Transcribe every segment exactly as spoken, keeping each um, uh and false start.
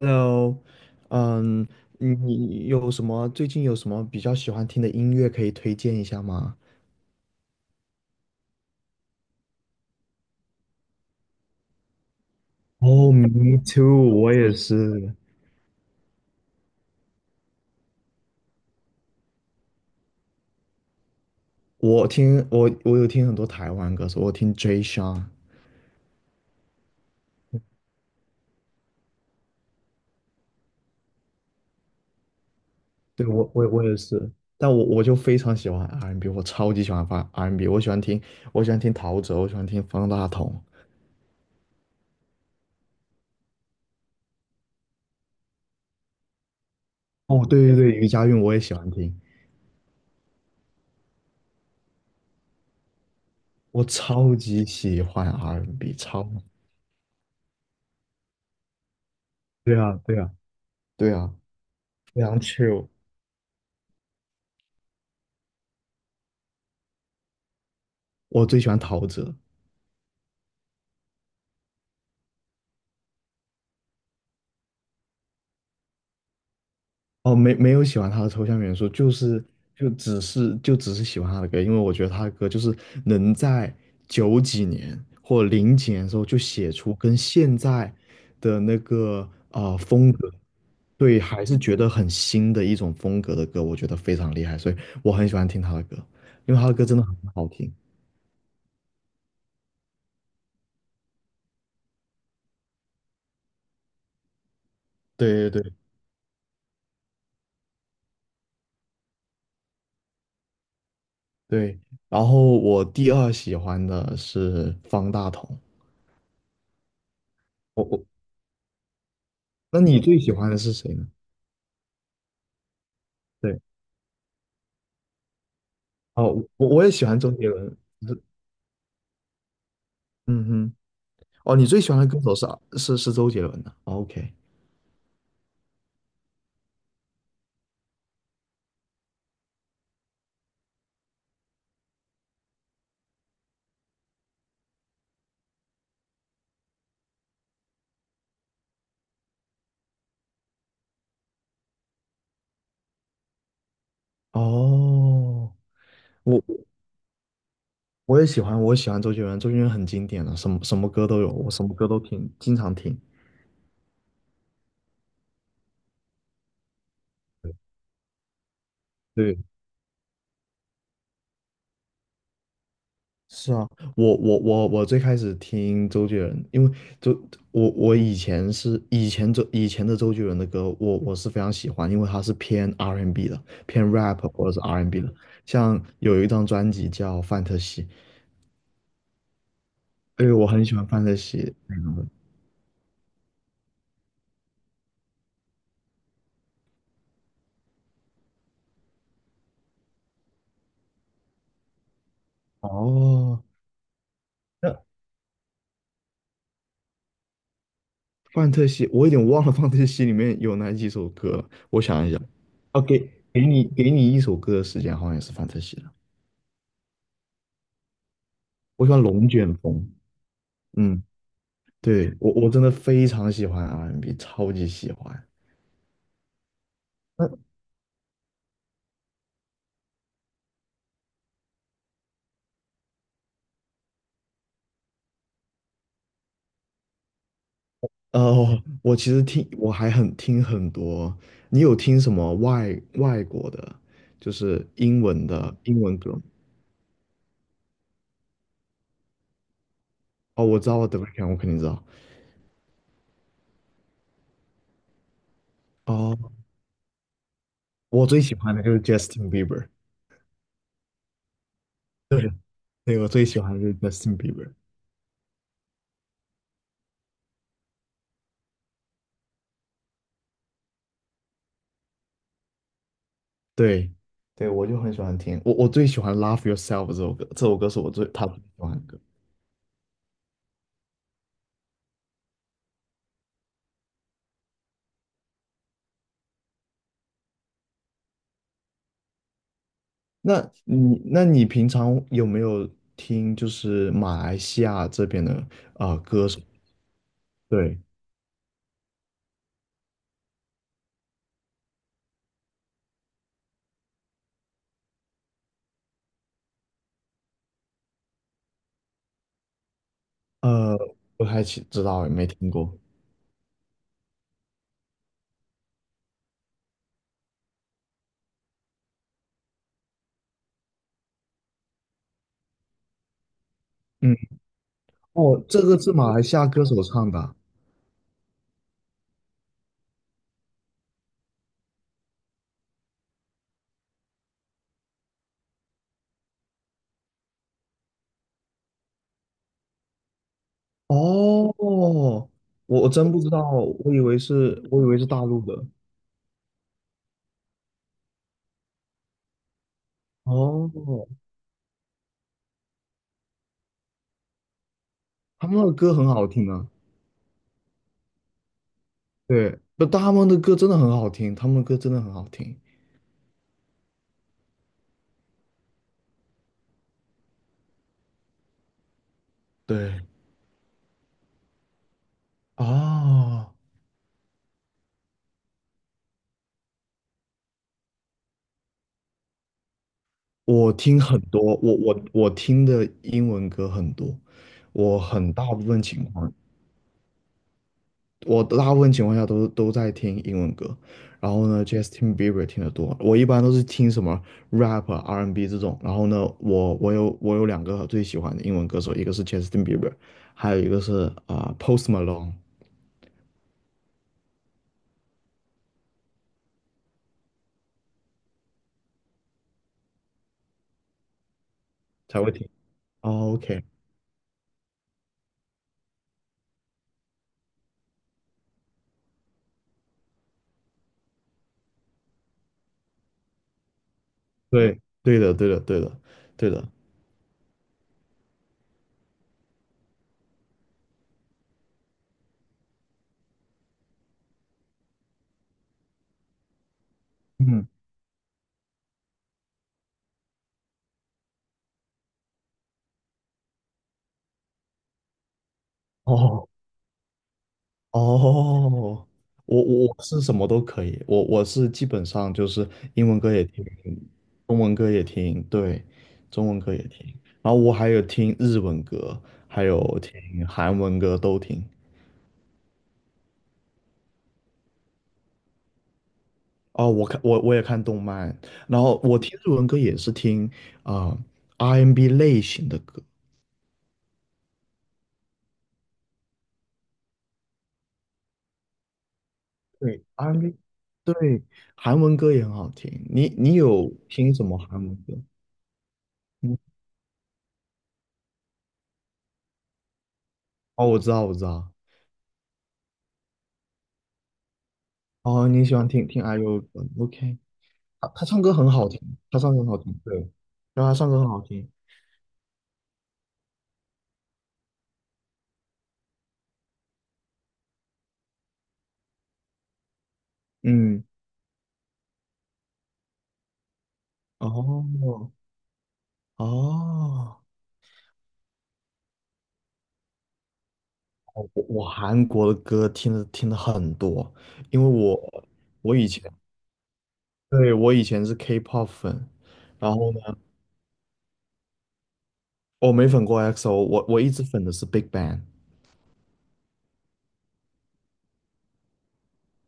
Hello，嗯，你有什么最近有什么比较喜欢听的音乐可以推荐一下吗？哦，me too，我也是。我听我我有听很多台湾歌手，我听 Jay Sean，对我我我也是，但我我就非常喜欢 R and B，n 我超级喜欢发 R and B，我喜欢听我喜欢听陶喆，我喜欢听方大同。哦，对对对，余佳运我也喜欢听，我超级喜欢 R and B，n 超，对啊对啊对啊，非常 c h i l 我最喜欢陶喆。哦，没没有喜欢他的抽象元素，就是就只是就只是喜欢他的歌，因为我觉得他的歌就是能在九几年或零几年的时候就写出跟现在的那个啊、呃风格，对，还是觉得很新的一种风格的歌，我觉得非常厉害，所以我很喜欢听他的歌，因为他的歌真的很好听。对对对对，然后我第二喜欢的是方大同，我我，那你最喜欢的是谁呢？对。哦，我我也喜欢周杰伦。嗯哼，哦，你最喜欢的歌手是啊是是周杰伦的。哦 OK，哦，我我也喜欢，我也喜欢周杰伦。周杰伦很经典的，什么什么歌都有，我什么歌都听，经常听。对，是啊，我我我我最开始听周杰伦，因为周我我以前是以前周以前的周杰伦的歌，我我是非常喜欢，因为他是偏 R and B n 的，偏 rap 或者是 R and B n 的。像有一张专辑叫《范特西》，因为我很喜欢范特西内容的。哦，那范特西，我有点忘了范特西里面有哪几首歌了我想一想，哦，给给你给你一首歌的时间，好像也是范特西的。我喜欢龙卷风，嗯，对，我我真的非常喜欢 R&B，超级喜欢。那呃，我其实听，我还很听很多。你有听什么外外国的，就是英文的英文歌吗？哦，我知道，The Weeknd，我肯定知道。哦，我最喜欢的就是 Justin Bieber，对，对，我最喜欢的就是 Justin Bieber，对，对，我就很喜欢听，我我最喜欢《Love Yourself》这首歌，这首歌是我最他最喜欢的歌。那你那你平常有没有听就是马来西亚这边的呃歌手？对，呃，不太清知道，也没听过。嗯，哦，这个是马来西亚歌手唱的啊哦，我我真不知道，我以为是，我以为是大陆的。哦，他们的歌很好听啊，对，不，他们的歌真的很好听，他们的歌真的很好听。对，啊，我听很多，我我我听的英文歌很多，我很大部分情况，我大部分情况下都都在听英文歌。然后呢，Justin Bieber 听得多，我一般都是听什么 rap 啊、R and B 这种。然后呢，我我有我有两个最喜欢的英文歌手，一个是 Justin Bieber，还有一个是啊、呃 Post Malone 才会听。o k 对，对的，对的，对的，对的。嗯，哦哦，我我我是什么都可以，我我是基本上就是英文歌也听，中文歌也听，对，中文歌也听，然后我还有听日文歌，还有听韩文歌都听。哦，我看我我也看动漫，然后我听日文歌也是听啊、R and B n 类型的歌，对 R and B，n 对，韩文歌也很好听。你你有听什么韩文歌？嗯，哦，我知道，我知道。哦，你喜欢听听 I U 的歌？OK，他他唱歌很好听，他唱歌很好听，对，然后他唱歌很好听。嗯，哦，哦，哦我我韩国的歌听的听的很多，因为我我以前对，我以前是 K-pop 粉，然后呢，我没粉过 EXO，我我一直粉的是 Big Bang。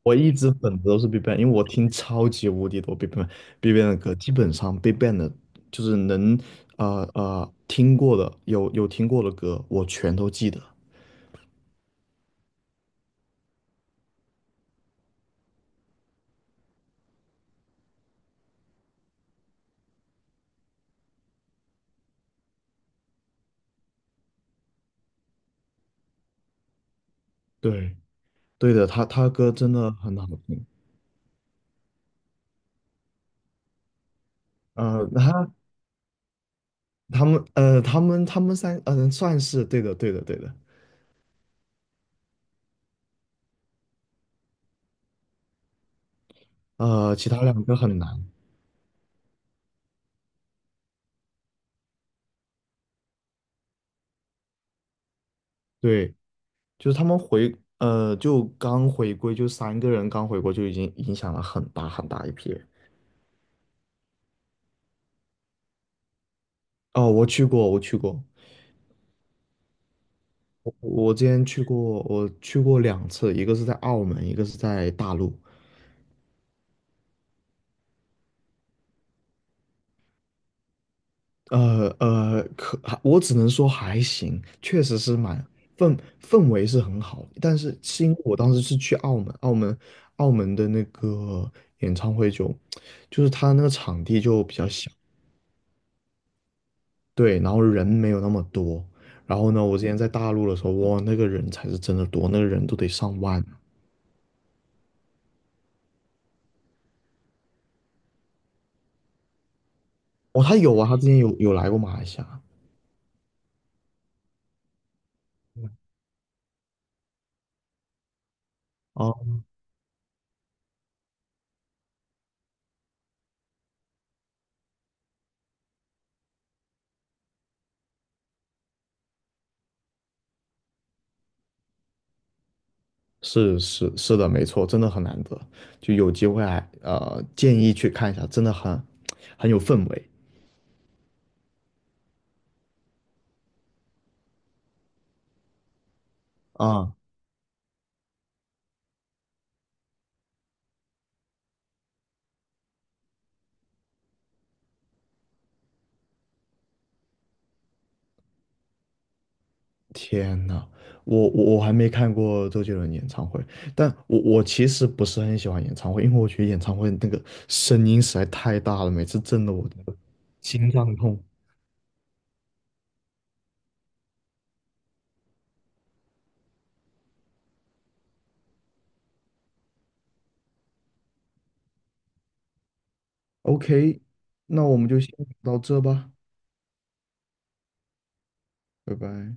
我一直粉的都是 BigBang，因为我听超级无敌多 BigBang BigBang 的歌，基本上 BigBang 的，就是能呃呃听过的，有有听过的歌，我全都记得。对，对的，他他歌真的很好听。呃，他他们呃他们他们三嗯、呃、算是对的对的对的。呃，其他两个很难。对，就是他们回呃就刚回归，就三个人刚回国就已经影响了很大很大一批人。哦，我去过，我去过。我之前去过，我去过两次，一个是在澳门，一个是在大陆。呃呃，可我只能说还行，确实是蛮氛氛围是很好，但是是因为我当时是去澳门，澳门澳门的那个演唱会就就是他那个场地就比较小，对，然后人没有那么多。然后呢，我之前在大陆的时候，哇，那个人才是真的多，那个人都得上万啊。哦，他有啊，他之前有有来过马来西亚。哦是是是的，没错，真的很难得，就有机会还呃建议去看一下，真的很很有氛围啊！天呐，我我我还没看过周杰伦演唱会，但我我其实不是很喜欢演唱会，因为我觉得演唱会那个声音实在太大了，每次震得我这个心脏痛。OK，那我们就先到这吧，拜拜。